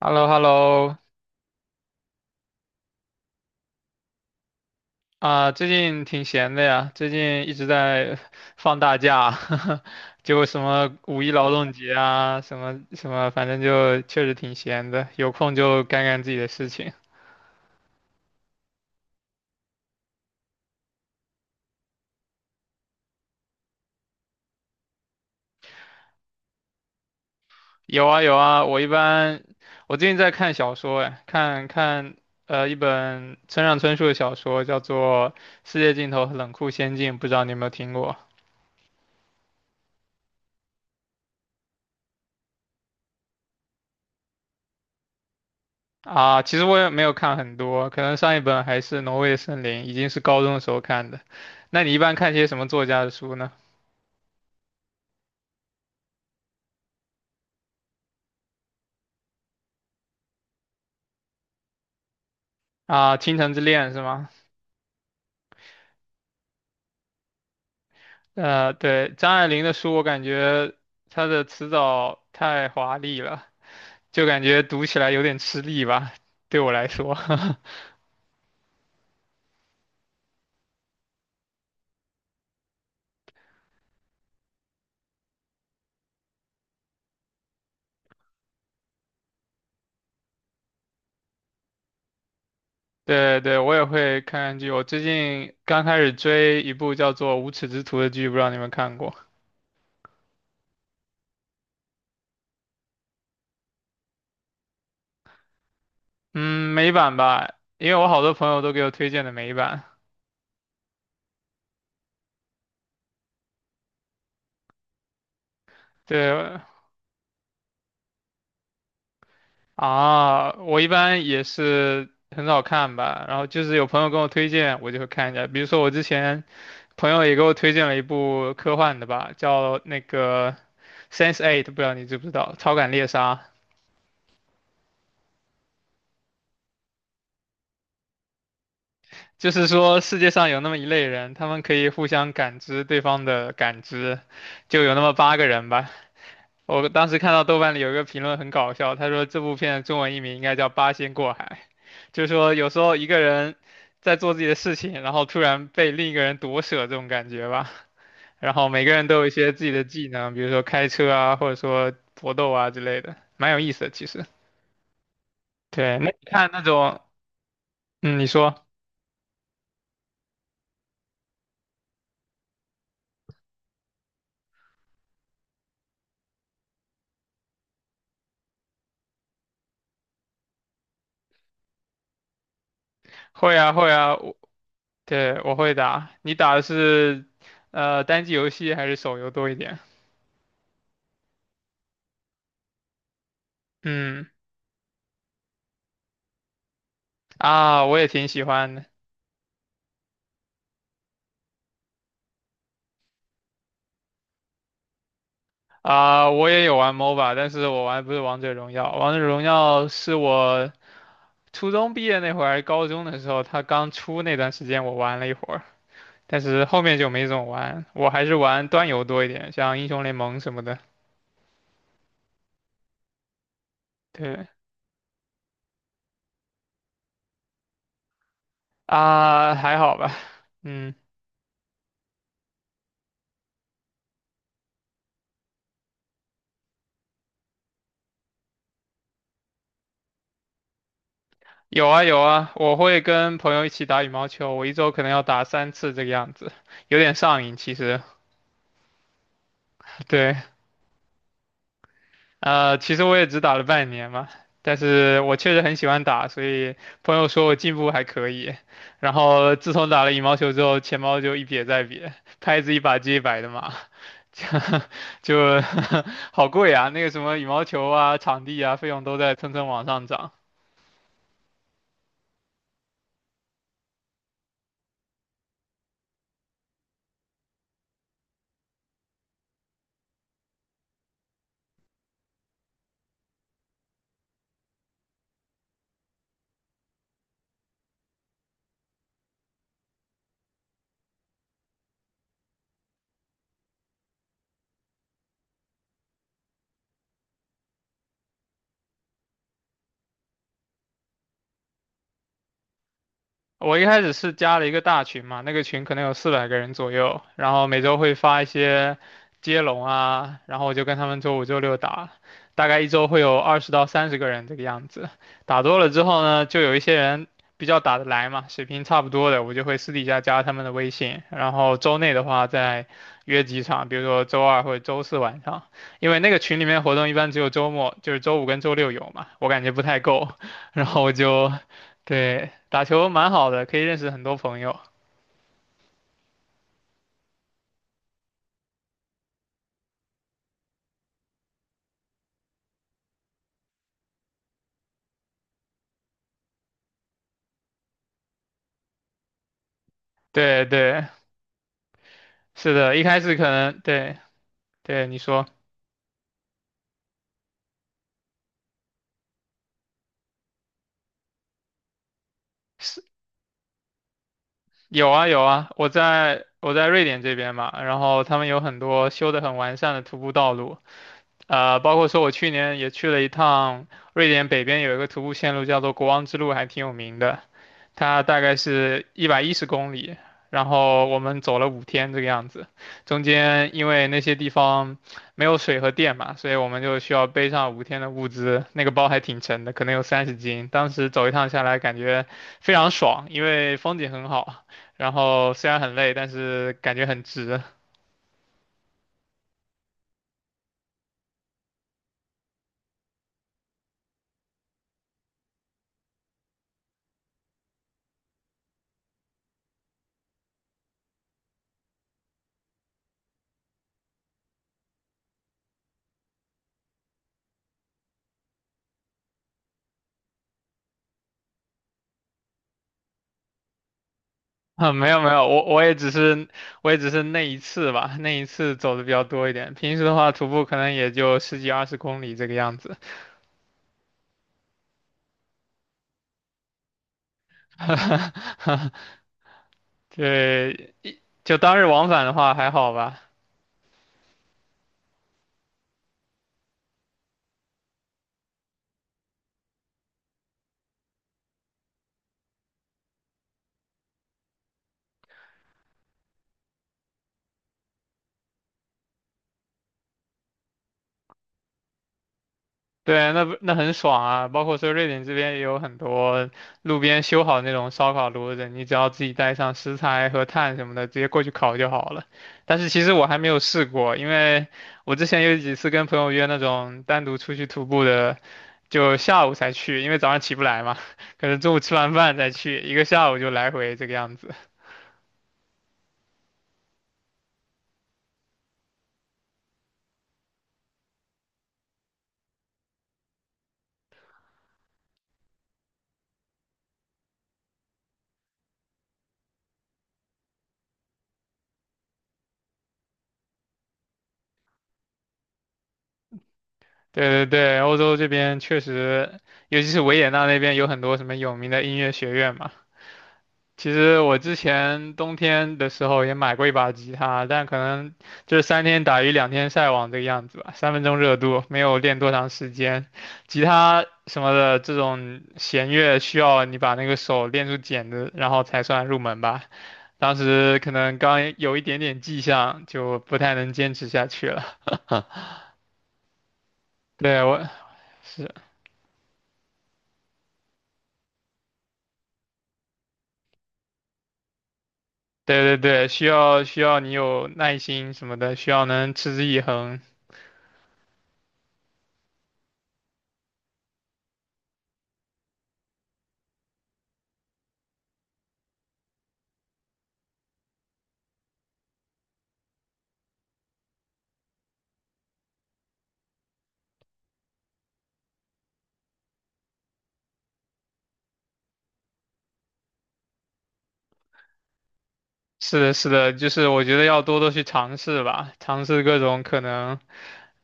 h e l l o h e l l o 啊，最近挺闲的呀，最近一直在 放大假，就什么五一劳动节啊，什么什么，反正就确实挺闲的，有空就干干自己的事情。有啊有啊，我一般我最近在看小说，哎，看看一本村上春树的小说，叫做《世界尽头和冷酷仙境》，不知道你有没有听过？啊，其实我也没有看很多，可能上一本还是《挪威的森林》，已经是高中的时候看的。那你一般看些什么作家的书呢？啊，《倾城之恋》是吗？对，张爱玲的书，我感觉她的词藻太华丽了，就感觉读起来有点吃力吧，对我来说。对对，我也会看看剧。我最近刚开始追一部叫做《无耻之徒》的剧，不知道你们看过？嗯，美版吧，因为我好多朋友都给我推荐的美版。对，啊，我一般也是很少看吧，然后就是有朋友跟我推荐，我就会看一下。比如说我之前朋友也给我推荐了一部科幻的吧，叫那个《s e n s e Eight》,不知道你知不知道，《超感猎杀》。就是说世界上有那么一类人，他们可以互相感知对方的感知，就有那么8个人吧。我当时看到豆瓣里有一个评论很搞笑，他说这部片的中文译名应该叫《八仙过海》，就是说有时候一个人在做自己的事情，然后突然被另一个人夺舍这种感觉吧。然后每个人都有一些自己的技能，比如说开车啊，或者说搏斗啊之类的，蛮有意思的。其实，对，那你看那种，嗯，你说会啊会啊，我对我会打。你打的是单机游戏还是手游多一点？嗯啊，我也挺喜欢的。啊、我也有玩 MOBA,但是我玩的不是王者荣耀。王者荣耀是我初中毕业那会儿还是高中的时候，它刚出那段时间我玩了一会儿，但是后面就没怎么玩，我还是玩端游多一点，像英雄联盟什么的。对啊，还好吧。嗯，有啊有啊，我会跟朋友一起打羽毛球，我一周可能要打3次这个样子，有点上瘾其实。对，其实我也只打了半年嘛，但是我确实很喜欢打，所以朋友说我进步还可以。然后自从打了羽毛球之后，钱包就一瘪再瘪，拍子一把接一把的嘛，就 就好贵啊！那个什么羽毛球啊、场地啊，费用都在蹭蹭往上涨。我一开始是加了一个大群嘛，那个群可能有400个人左右，然后每周会发一些接龙啊，然后我就跟他们周五、周六打，大概一周会有20到30个人这个样子。打多了之后呢，就有一些人比较打得来嘛，水平差不多的，我就会私底下加他们的微信，然后周内的话再约几场，比如说周二或者周四晚上，因为那个群里面活动一般只有周末，就是周五跟周六有嘛，我感觉不太够，然后我就。对，打球蛮好的，可以认识很多朋友。对对，是的，一开始可能对对你说是有啊有啊，我在瑞典这边嘛，然后他们有很多修得很完善的徒步道路。包括说我去年也去了一趟瑞典北边有一个徒步线路叫做国王之路，还挺有名的，它大概是110公里，然后我们走了五天这个样子，中间因为那些地方没有水和电嘛，所以我们就需要背上5天的物资，那个包还挺沉的，可能有30斤，当时走一趟下来感觉非常爽，因为风景很好，然后虽然很累，但是感觉很值。啊，没有没有，我也只是那一次吧，那一次走的比较多一点。平时的话，徒步可能也就十几二十公里这个样子。对，就当日往返的话还好吧。对，那不那很爽啊！包括说瑞典这边也有很多路边修好那种烧烤炉子，你只要自己带上食材和炭什么的，直接过去烤就好了。但是其实我还没有试过，因为我之前有几次跟朋友约那种单独出去徒步的。就下午才去，因为早上起不来嘛，可能中午吃完饭再去，一个下午就来回这个样子。对对对，欧洲这边确实，尤其是维也纳那边有很多什么有名的音乐学院嘛。其实我之前冬天的时候也买过一把吉他，但可能就是三天打鱼两天晒网这个样子吧，三分钟热度，没有练多长时间。吉他什么的这种弦乐需要你把那个手练出茧子，然后才算入门吧。当时可能刚有一点点迹象，就不太能坚持下去了。对，我是，对对对，需要你有耐心什么的，需要能持之以恒。是的，是的，就是我觉得要多多去尝试吧，尝试各种可能。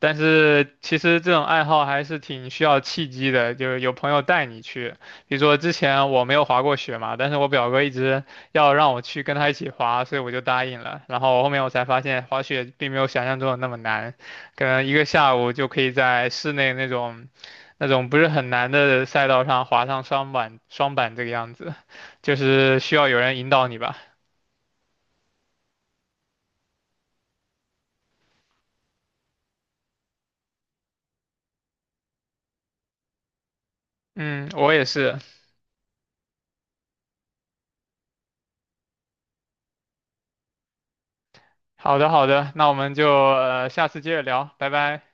但是其实这种爱好还是挺需要契机的，就是有朋友带你去。比如说之前我没有滑过雪嘛，但是我表哥一直要让我去跟他一起滑，所以我就答应了。然后后面我才发现滑雪并没有想象中的那么难，可能一个下午就可以在室内那种不是很难的赛道上滑上双板这个样子，就是需要有人引导你吧。嗯，我也是。好的，好的，那我们就下次接着聊，拜拜。